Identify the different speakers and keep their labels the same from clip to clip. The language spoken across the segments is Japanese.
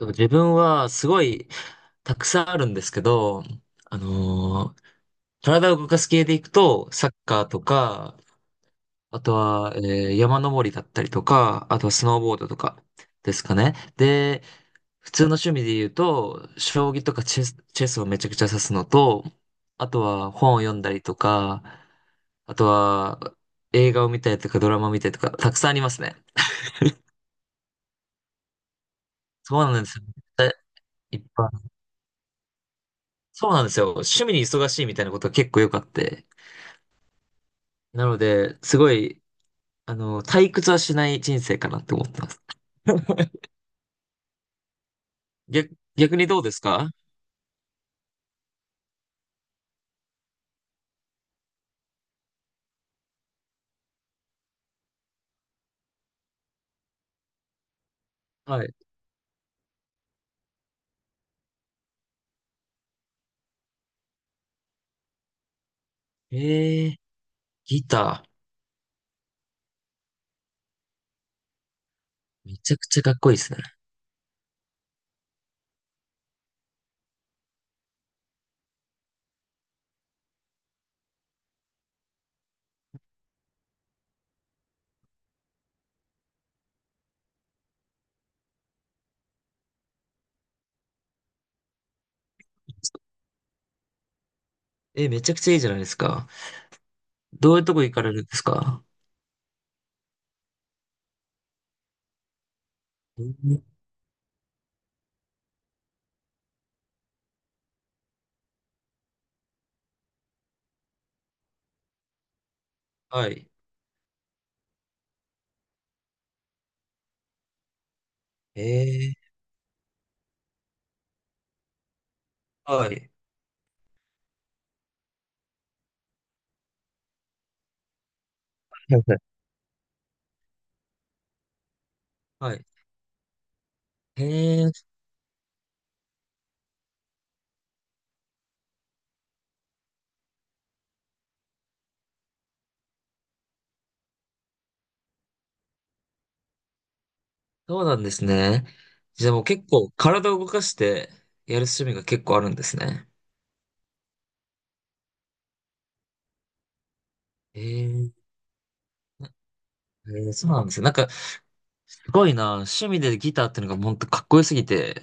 Speaker 1: 自分はすごいたくさんあるんですけど、あのー体を動かす系でいくと、サッカーとか、あとは、山登りだったりとか、あとはスノーボードとかですかね。で、普通の趣味で言うと、将棋とかチェスチェスをめちゃくちゃ指すのと、あとは本を読んだりとか、あとは映画を見たりとかドラマを見たりとか、たくさんありますね。そうなんですよ。いっぱいそうなんですよ。趣味に忙しいみたいなことが結構よくあって。なので、すごい、あの、退屈はしない人生かなって思ってます。逆にどうですか？はい。えー、ギター。めちゃくちゃかっこいいですね。えー、めちゃくちゃいいじゃないですか。どういうとこ行かれるんですか？うん、はい。えー、はい。はいはいはい。へえー、そうなんですね。じゃあもう結構体を動かしてやる趣味が結構あるんですね。へえー、へえ、そうなんですよ。なんかすごいな。趣味でギターってのが本当かっこよすぎて、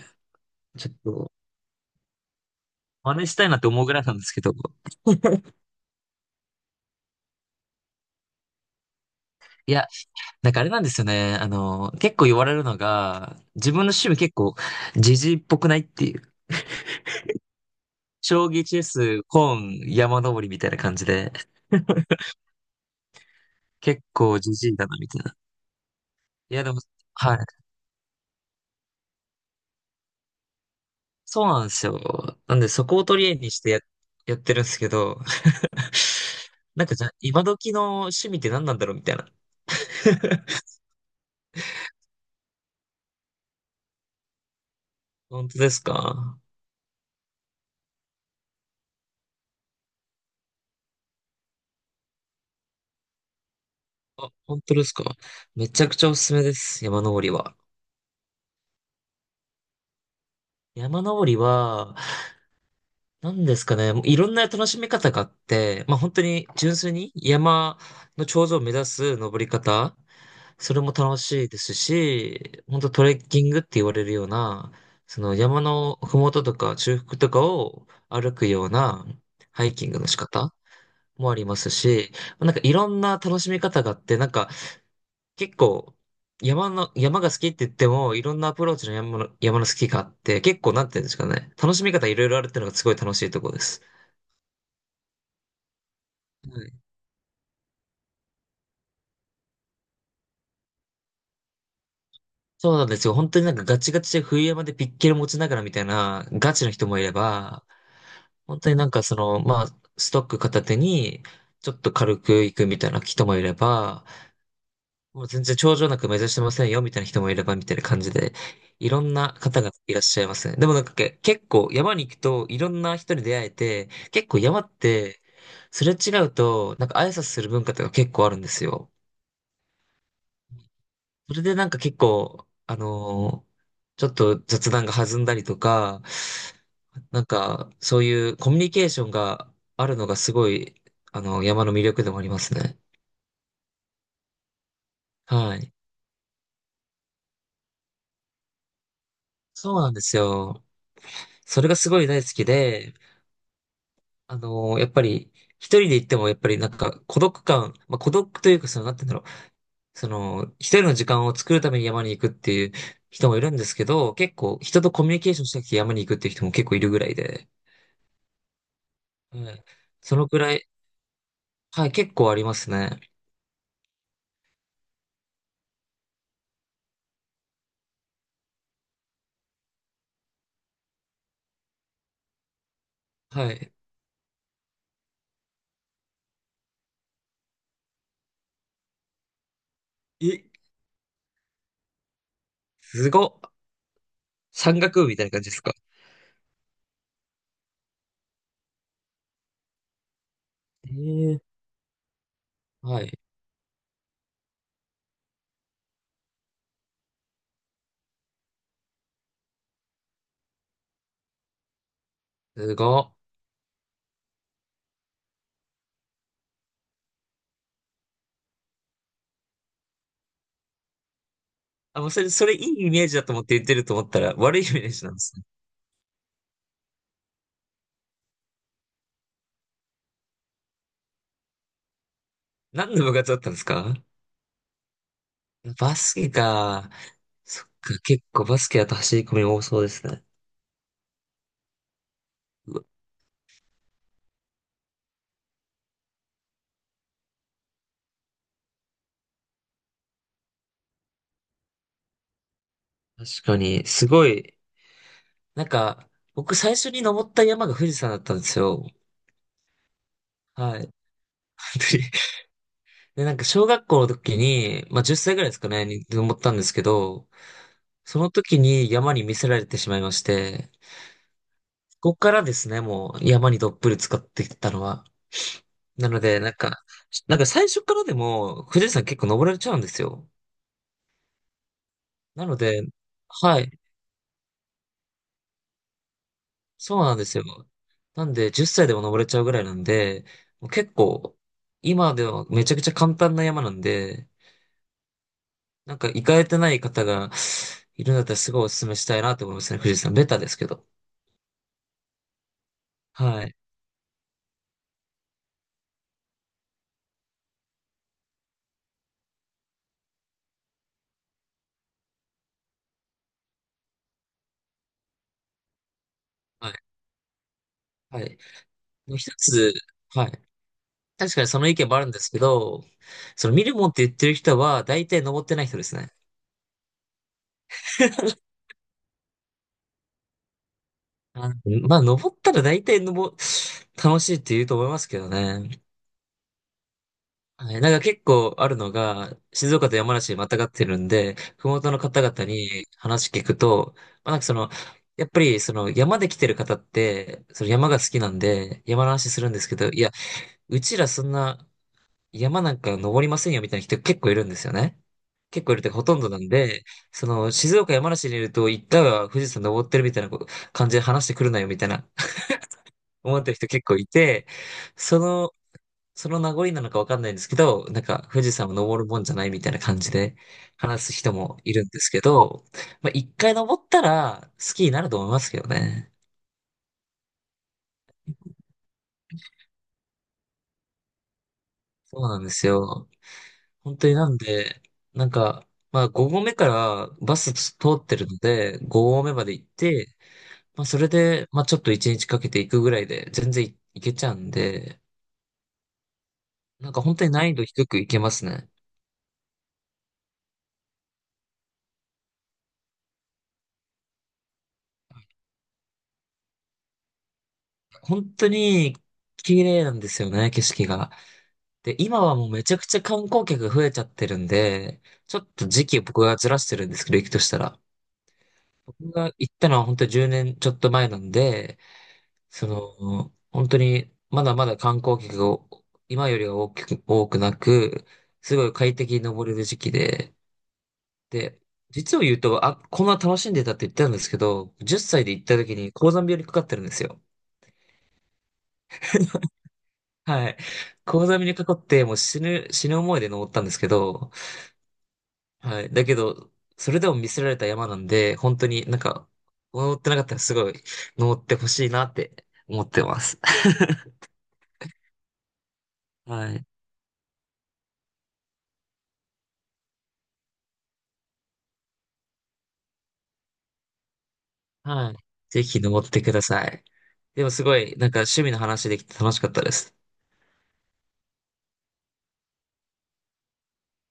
Speaker 1: ちょっと真似したいなって思うぐらいなんですけど。いや、なんかあれなんですよね。あの、結構言われるのが、自分の趣味結構ジジイっぽくないっていう。将棋、チェス、本、山登りみたいな感じで、結構ジジイだなみたいな。いや、でも、はい。そうなんですよ。なんでそこを取り柄にしてやってるんですけど、なんかじゃあ、今時の趣味って何なんだろうみたいな。本当ですか？本当ですか？めちゃくちゃおすすめです。山登りは。山登りは、何ですかね。もういろんな楽しみ方があって、まあ本当に純粋に山の頂上を目指す登り方、それも楽しいですし、本当トレッキングって言われるような、その山の麓とか中腹とかを歩くようなハイキングの仕方もありますし、なんかいろんな楽しみ方があって、なんか結構、山が好きって言っても、いろんなアプローチの山の好きがあって、結構なんて言うんですかね。楽しみ方いろいろあるっていうのがすごい楽しいところです。はい。そうなんですよ。本当になんかガチガチで冬山でピッケル持ちながらみたいなガチの人もいれば、本当になんかその、まあ、ストック片手に、ちょっと軽く行くみたいな人もいれば、もう全然頂上なく目指してませんよ、みたいな人もいれば、みたいな感じで、いろんな方がいらっしゃいますね。でもなんか結構山に行くといろんな人に出会えて、結構山って、すれ違うと、なんか挨拶する文化とか結構あるんですよ。それでなんか結構、ちょっと雑談が弾んだりとか、なんかそういうコミュニケーションがあるのがすごい、あの、山の魅力でもありますね。はい。そうなんですよ。それがすごい大好きで、やっぱり、一人で行っても、やっぱりなんか、孤独感、まあ、孤独というか、その、なんて言うんだろう。その、一人の時間を作るために山に行くっていう人もいるんですけど、結構、人とコミュニケーションしたくて山に行くっていう人も結構いるぐらいで、はい。そのくらい、はい、結構ありますね。はい。え、すごっ。山岳部みたいな感じですか？ええ、はい。すごっ。あ、もうそれ、それいいイメージだと思って言ってると思ったら、悪いイメージなんですね。何の部活だったんですか？バスケか。そっか、結構バスケだと走り込み多そうですね。うわ、確かに、すごい、なんか、僕最初に登った山が富士山だったんですよ。はい。本当に。で、なんか小学校の時に、まあ10歳ぐらいですかね、に登ったんですけど、その時に山に見せられてしまいまして、ここからですね、もう山にどっぷり使っていったのは。なので、なんか、なんか最初からでも富士山結構登れちゃうんですよ。なので、はい。そうなんですよ。なんで、10歳でも登れちゃうぐらいなんで、もう結構、今ではめちゃくちゃ簡単な山なんで、なんか行かれてない方がいるんだったらすごいお勧めしたいなと思いますね、富士山。ベタですけど。はい。はい。はい。もう一つ、はい。確かにその意見もあるんですけど、その見るもんって言ってる人は大体登ってない人ですね。あ、まあ、登ったら大体登、楽しいって言うと思いますけどね。はい、なんか結構あるのが、静岡と山梨にまたがってるんで、麓の方々に話聞くと、まあ、なんかその、やっぱりその山で来てる方って、その山が好きなんで、山の話するんですけど、いや、うちらそんな山なんか登りませんよみたいな人結構いるんですよね。結構いるってかほとんどなんで、その静岡山梨にいると一回は富士山登ってるみたいな感じで話してくるなよみたいな 思ってる人結構いて、そのその名残なのかわかんないんですけど、なんか富士山を登るもんじゃないみたいな感じで話す人もいるんですけど、まあ一回登ったら好きになると思いますけどね。そうなんですよ。本当になんで、なんか、まあ5合目からバス通ってるので、5合目まで行って、まあそれで、まあちょっと1日かけて行くぐらいで全然行けちゃうんで、なんか本当に難易度低く行けますね。本当に綺麗なんですよね、景色が。で、今はもうめちゃくちゃ観光客が増えちゃってるんで、ちょっと時期を僕がずらしてるんですけど、行くとしたら。僕が行ったのは本当に10年ちょっと前なんで、その、本当にまだまだ観光客が今よりは大きく、多くなく、すごい快適に登れる時期で、で、実を言うと、あ、こんな楽しんでたって言ったんですけど、10歳で行った時に高山病にかかってるんですよ。はい。高山病にかかって、もう死ぬ、死ぬ思いで登ったんですけど、はい。だけど、それでも見せられた山なんで、本当になんか、登ってなかったらすごい登ってほしいなって思ってます。はい。はい。ぜひ登ってください。でもすごい、なんか趣味の話できて楽しかったです。